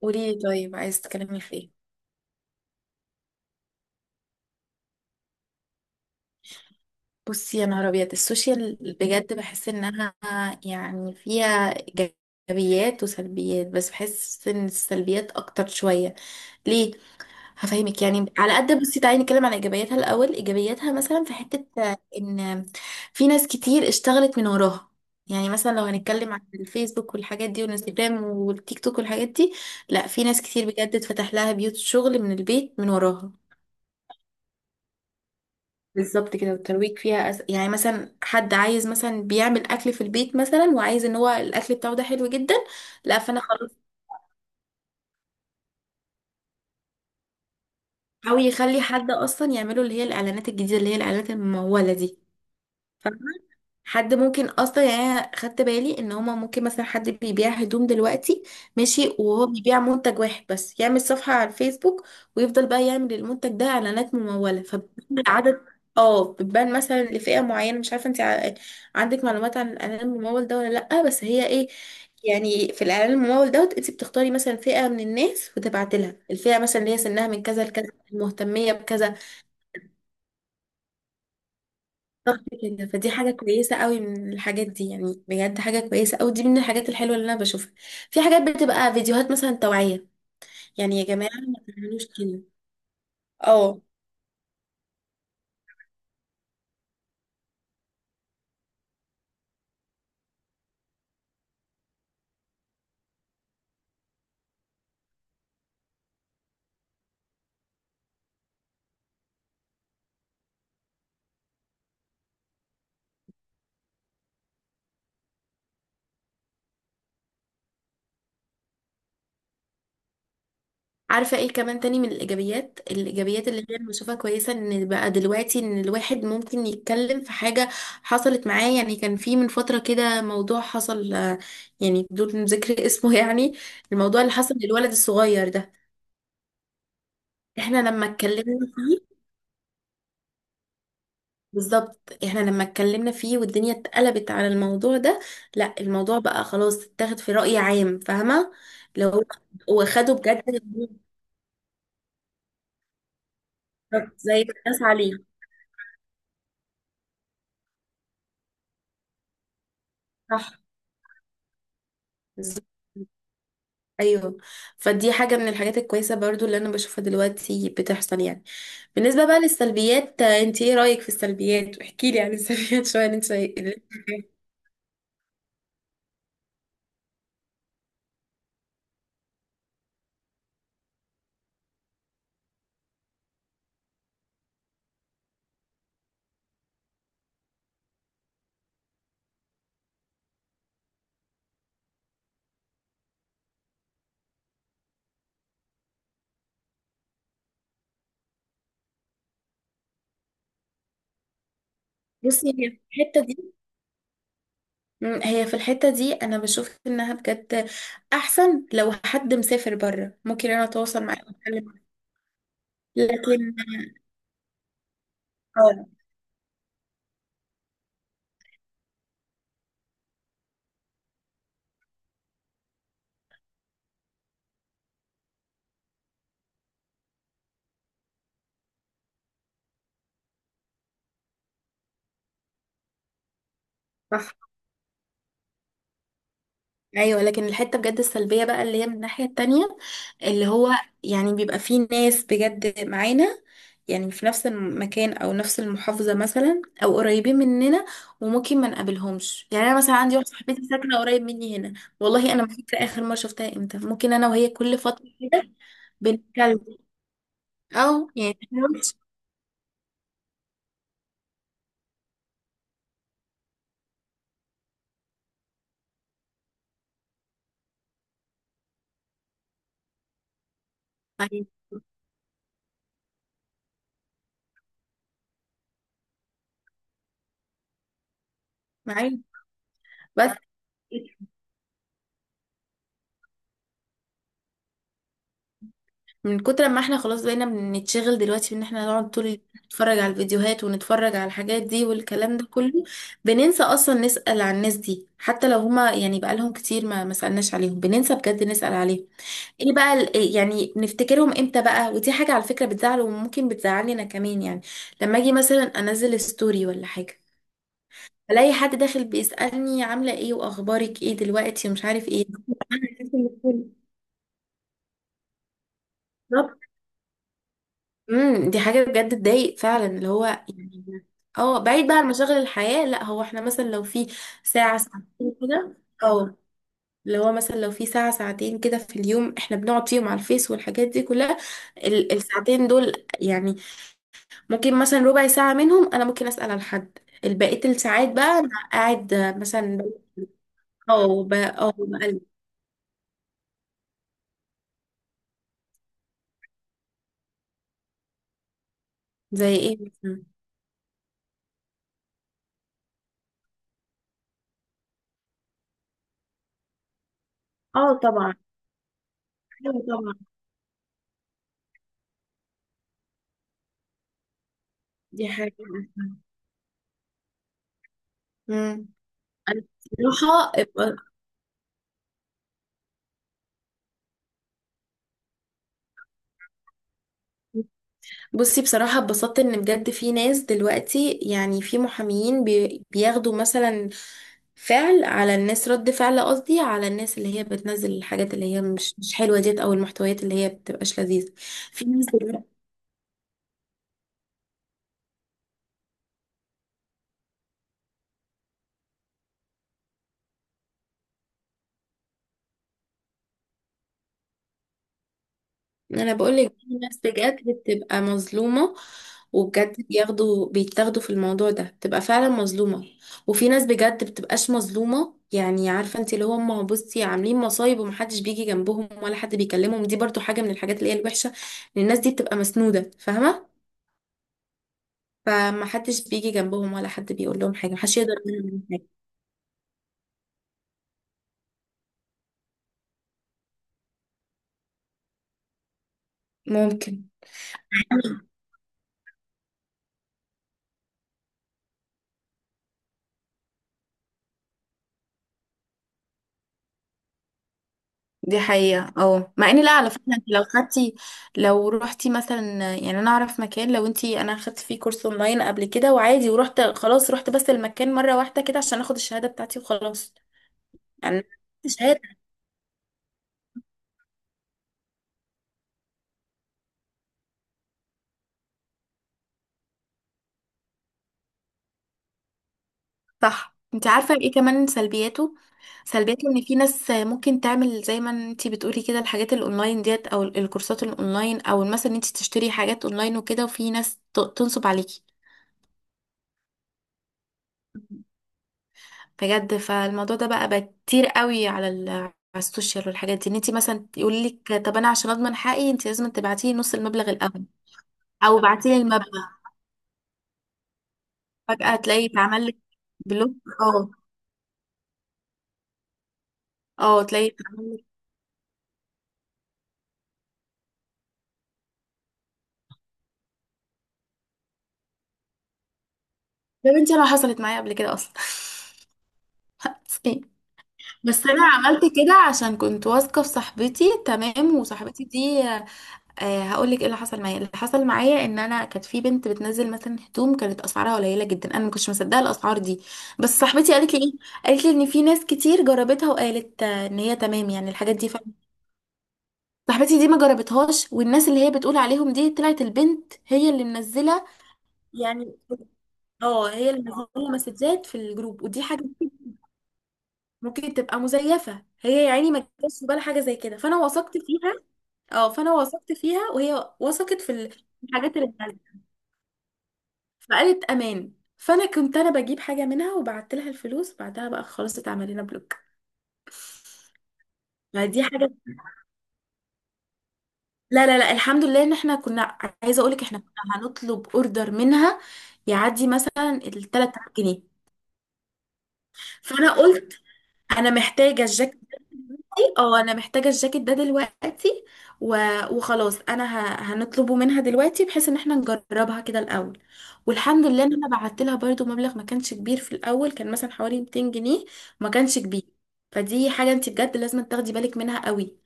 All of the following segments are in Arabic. قولي لي، طيب عايز تتكلمي في ايه؟ بصي يا نهار ابيض، السوشيال بجد بحس انها يعني فيها ايجابيات وسلبيات، بس بحس ان السلبيات اكتر شويه. ليه؟ هفهمك يعني على قد. بصي تعالي نتكلم على ايجابياتها الاول. ايجابياتها مثلا في حته ان في ناس كتير اشتغلت من وراها. يعني مثلا لو هنتكلم عن الفيسبوك والحاجات دي والانستجرام والتيك توك والحاجات دي، لا في ناس كتير بجد اتفتح لها بيوت شغل من البيت من وراها. بالظبط كده، والترويج فيها يعني مثلا حد عايز مثلا بيعمل اكل في البيت مثلا، وعايز ان هو الاكل بتاعه ده حلو جدا، لا فانا خلاص، او يخلي حد اصلا يعمله، اللي هي الاعلانات الجديده اللي هي الاعلانات المموله دي. حد ممكن اصلا، يعني أنا خدت بالي ان هما ممكن مثلا حد بيبيع هدوم دلوقتي ماشي، وهو بيبيع منتج واحد بس يعمل صفحة على الفيسبوك، ويفضل بقى يعمل المنتج ده اعلانات ممولة فبتبان عدد. اه بتبان مثلا لفئة معينة. مش عارفة انت عندك معلومات عن الاعلان الممول ده ولا لأ؟ بس هي ايه، يعني في الاعلان الممول دوت، انت بتختاري مثلا فئة من الناس وتبعتي لها الفئة، مثلا اللي هي سنها من كذا لكذا، المهتمية بكذا. بالظبط كده، فدي حاجة كويسة قوي من الحاجات دي، يعني بجد حاجة كويسة قوي. دي من الحاجات الحلوة اللي انا بشوفها. في حاجات بتبقى فيديوهات مثلا توعية، يعني يا جماعة ما تعملوش كده. اه عارفة ايه كمان تاني من الايجابيات؟ الايجابيات اللي هي أنا بشوفها كويسة، ان بقى دلوقتي ان الواحد ممكن يتكلم في حاجة حصلت معاه. يعني كان في من فترة كده موضوع حصل، يعني بدون ذكر اسمه. يعني الموضوع اللي حصل للولد الصغير ده، احنا لما اتكلمنا فيه بالظبط، احنا لما اتكلمنا فيه والدنيا اتقلبت على الموضوع ده، لا الموضوع بقى خلاص اتاخد في رأي عام، فاهمة؟ لو واخدوا بجد زي ما الناس عليه. صح، بالظبط. ايوه، فدي حاجة من الحاجات الكويسة برضو اللي انا بشوفها دلوقتي بتحصل يعني. بالنسبة بقى للسلبيات، انت ايه رأيك في السلبيات؟ احكي لي عن السلبيات شوية. انت بصي هي الحتة دي، هي في الحتة دي أنا بشوف إنها بجد أحسن. لو حد مسافر بره ممكن أنا أتواصل معاه وأتكلم، لكن اه صح، أيوه. لكن الحتة بجد السلبية بقى اللي هي من الناحية التانية، اللي هو يعني بيبقى فيه ناس بجد معانا، يعني في نفس المكان أو نفس المحافظة مثلا، أو قريبين مننا وممكن ما نقابلهمش. يعني أنا مثلا عندي واحدة صاحبتي ساكنة قريب مني هنا، والله أنا ما فاكرة آخر مرة شفتها إمتى. ممكن أنا وهي كل فترة كده بنتكلم، اه يعني متحاولش يعني معايا، بس من كتر ما احنا خلاص بقينا بنتشغل دلوقتي، بان احنا نقعد طول اليوم نتفرج على الفيديوهات ونتفرج على الحاجات دي والكلام ده كله، بننسى اصلا نسأل على الناس دي. حتى لو هما يعني بقالهم كتير ما سألناش عليهم، بننسى بجد نسأل عليهم. ايه بقى إيه يعني نفتكرهم امتى بقى؟ ودي حاجة على فكرة بتزعل، وممكن بتزعلني انا كمان يعني، لما اجي مثلا انزل ستوري ولا حاجة، الاقي حد داخل بيسألني عاملة ايه واخبارك ايه دلوقتي ومش عارف ايه. بالظبط. دي حاجة بجد تضايق فعلا اللي هو يعني. اه بعيد بقى عن مشاغل الحياة، لا هو احنا مثلا لو في ساعة ساعتين كده، اه اللي هو مثلا لو في ساعة ساعتين كده في اليوم احنا بنقعد فيهم على الفيس والحاجات دي كلها، الساعتين دول يعني ممكن مثلا ربع ساعة منهم انا ممكن اسأل على حد، البقية الساعات بقى انا قاعد مثلا، بقلب. زي ايه مثلا؟ اه طبعا. ايوه طبعا، دي حاجة. امم انا بصراحة بصي، بصراحة اتبسطت ان بجد في ناس دلوقتي يعني في محاميين بياخدوا مثلا فعل على الناس، رد فعل قصدي، على الناس اللي هي بتنزل الحاجات اللي هي مش حلوة ديت، او المحتويات اللي هي بتبقاش لذيذة. في ناس، انا بقول لك ناس بجد بتبقى مظلومه، وبجد بياخدوا بيتاخدوا في الموضوع ده، بتبقى فعلا مظلومه. وفي ناس بجد بتبقاش مظلومه، يعني عارفه انت اللي هم بصي عاملين مصايب، ومحدش بيجي جنبهم ولا حد بيكلمهم. دي برضو حاجه من الحاجات اللي هي الوحشه، ان الناس دي بتبقى مسنوده، فاهمه؟ فمحدش بيجي جنبهم ولا حد بيقول لهم حاجه، محدش يقدر يقول لهم حاجه. ممكن. دي حقيقة، مع ان لا، على فكرة، انت لو خدتي، لو روحتي مثلا، يعني انا اعرف مكان، لو انت، انا خدت فيه كورس اونلاين قبل كده وعادي ورحت خلاص، رحت بس المكان مرة واحدة كده عشان اخد الشهادة بتاعتي وخلاص. يعني الشهادة. صح، انت عارفة ايه كمان سلبياته؟ سلبياته ان في ناس ممكن تعمل زي ما انت بتقولي كده، الحاجات الاونلاين ديت او الكورسات الاونلاين، او مثلا انت تشتري حاجات اونلاين وكده، وفي ناس تنصب عليكي بجد. فالموضوع ده بقى كتير قوي على السوشيال والحاجات دي، ان انت مثلا يقول لك طب انا عشان اضمن حقي انت لازم تبعتي لي نص المبلغ الاول، او بعتي لي المبلغ فجأة تلاقي اتعمل لك بلوك. اه اه تلاقي اتعمل لك. يا بنتي انا حصلت معايا قبل كده اصلا. بس انا عملت كده عشان كنت واثقه في صاحبتي تمام، وصاحبتي دي، هقول لك ايه اللي حصل معايا. اللي حصل معايا ان انا كانت في بنت بتنزل مثلا هدوم، كانت اسعارها قليله جدا، انا ما كنتش مصدقه الاسعار دي، بس صاحبتي قالت لي ايه، قالت لي ان في ناس كتير جربتها، وقالت ان هي تمام يعني الحاجات دي فعلا. صاحبتي دي ما جربتهاش، والناس اللي هي بتقول عليهم دي طلعت البنت هي اللي منزله، يعني اه هي اللي منزله مسجات في الجروب. ودي حاجه، ممكن تبقى مزيفه هي، يا عيني ما جاتش في بالها حاجه زي كده، فانا وثقت فيها. اه فانا وثقت فيها، وهي وثقت في الحاجات اللي اتنزلت. فقالت امان، فانا كنت انا بجيب حاجه منها، وبعت لها الفلوس، بعدها بقى خلاص اتعمل لنا بلوك. ما دي حاجه، لا لا لا، الحمد لله ان احنا كنا. عايزه اقولك، احنا كنا هنطلب اوردر منها يعدي مثلا ال 3000 جنيه. فانا قلت، انا محتاجه الجاكيت ده دلوقتي، انا محتاجه الجاكيت ده دلوقتي، و... وخلاص انا هنطلبه منها دلوقتي بحيث ان احنا نجربها كده الاول. والحمد لله ان انا بعت لها برضو مبلغ ما كانش كبير في الاول، كان مثلا حوالي 200 جنيه، ما كانش كبير. فدي حاجه انت بجد لازم تاخدي بالك منها قوي،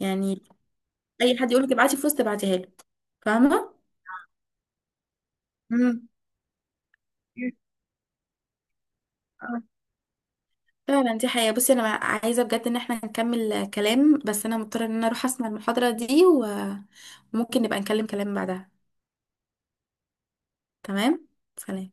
يعني اي حد يقولك ابعتي فلوس تبعتيها له، فاهمه؟ امم فعلا دي حقيقة. بصي انا عايزة بجد ان احنا نكمل كلام، بس انا مضطرة ان انا اروح اسمع المحاضرة دي، وممكن نبقى نكلم كلام بعدها. تمام. سلام.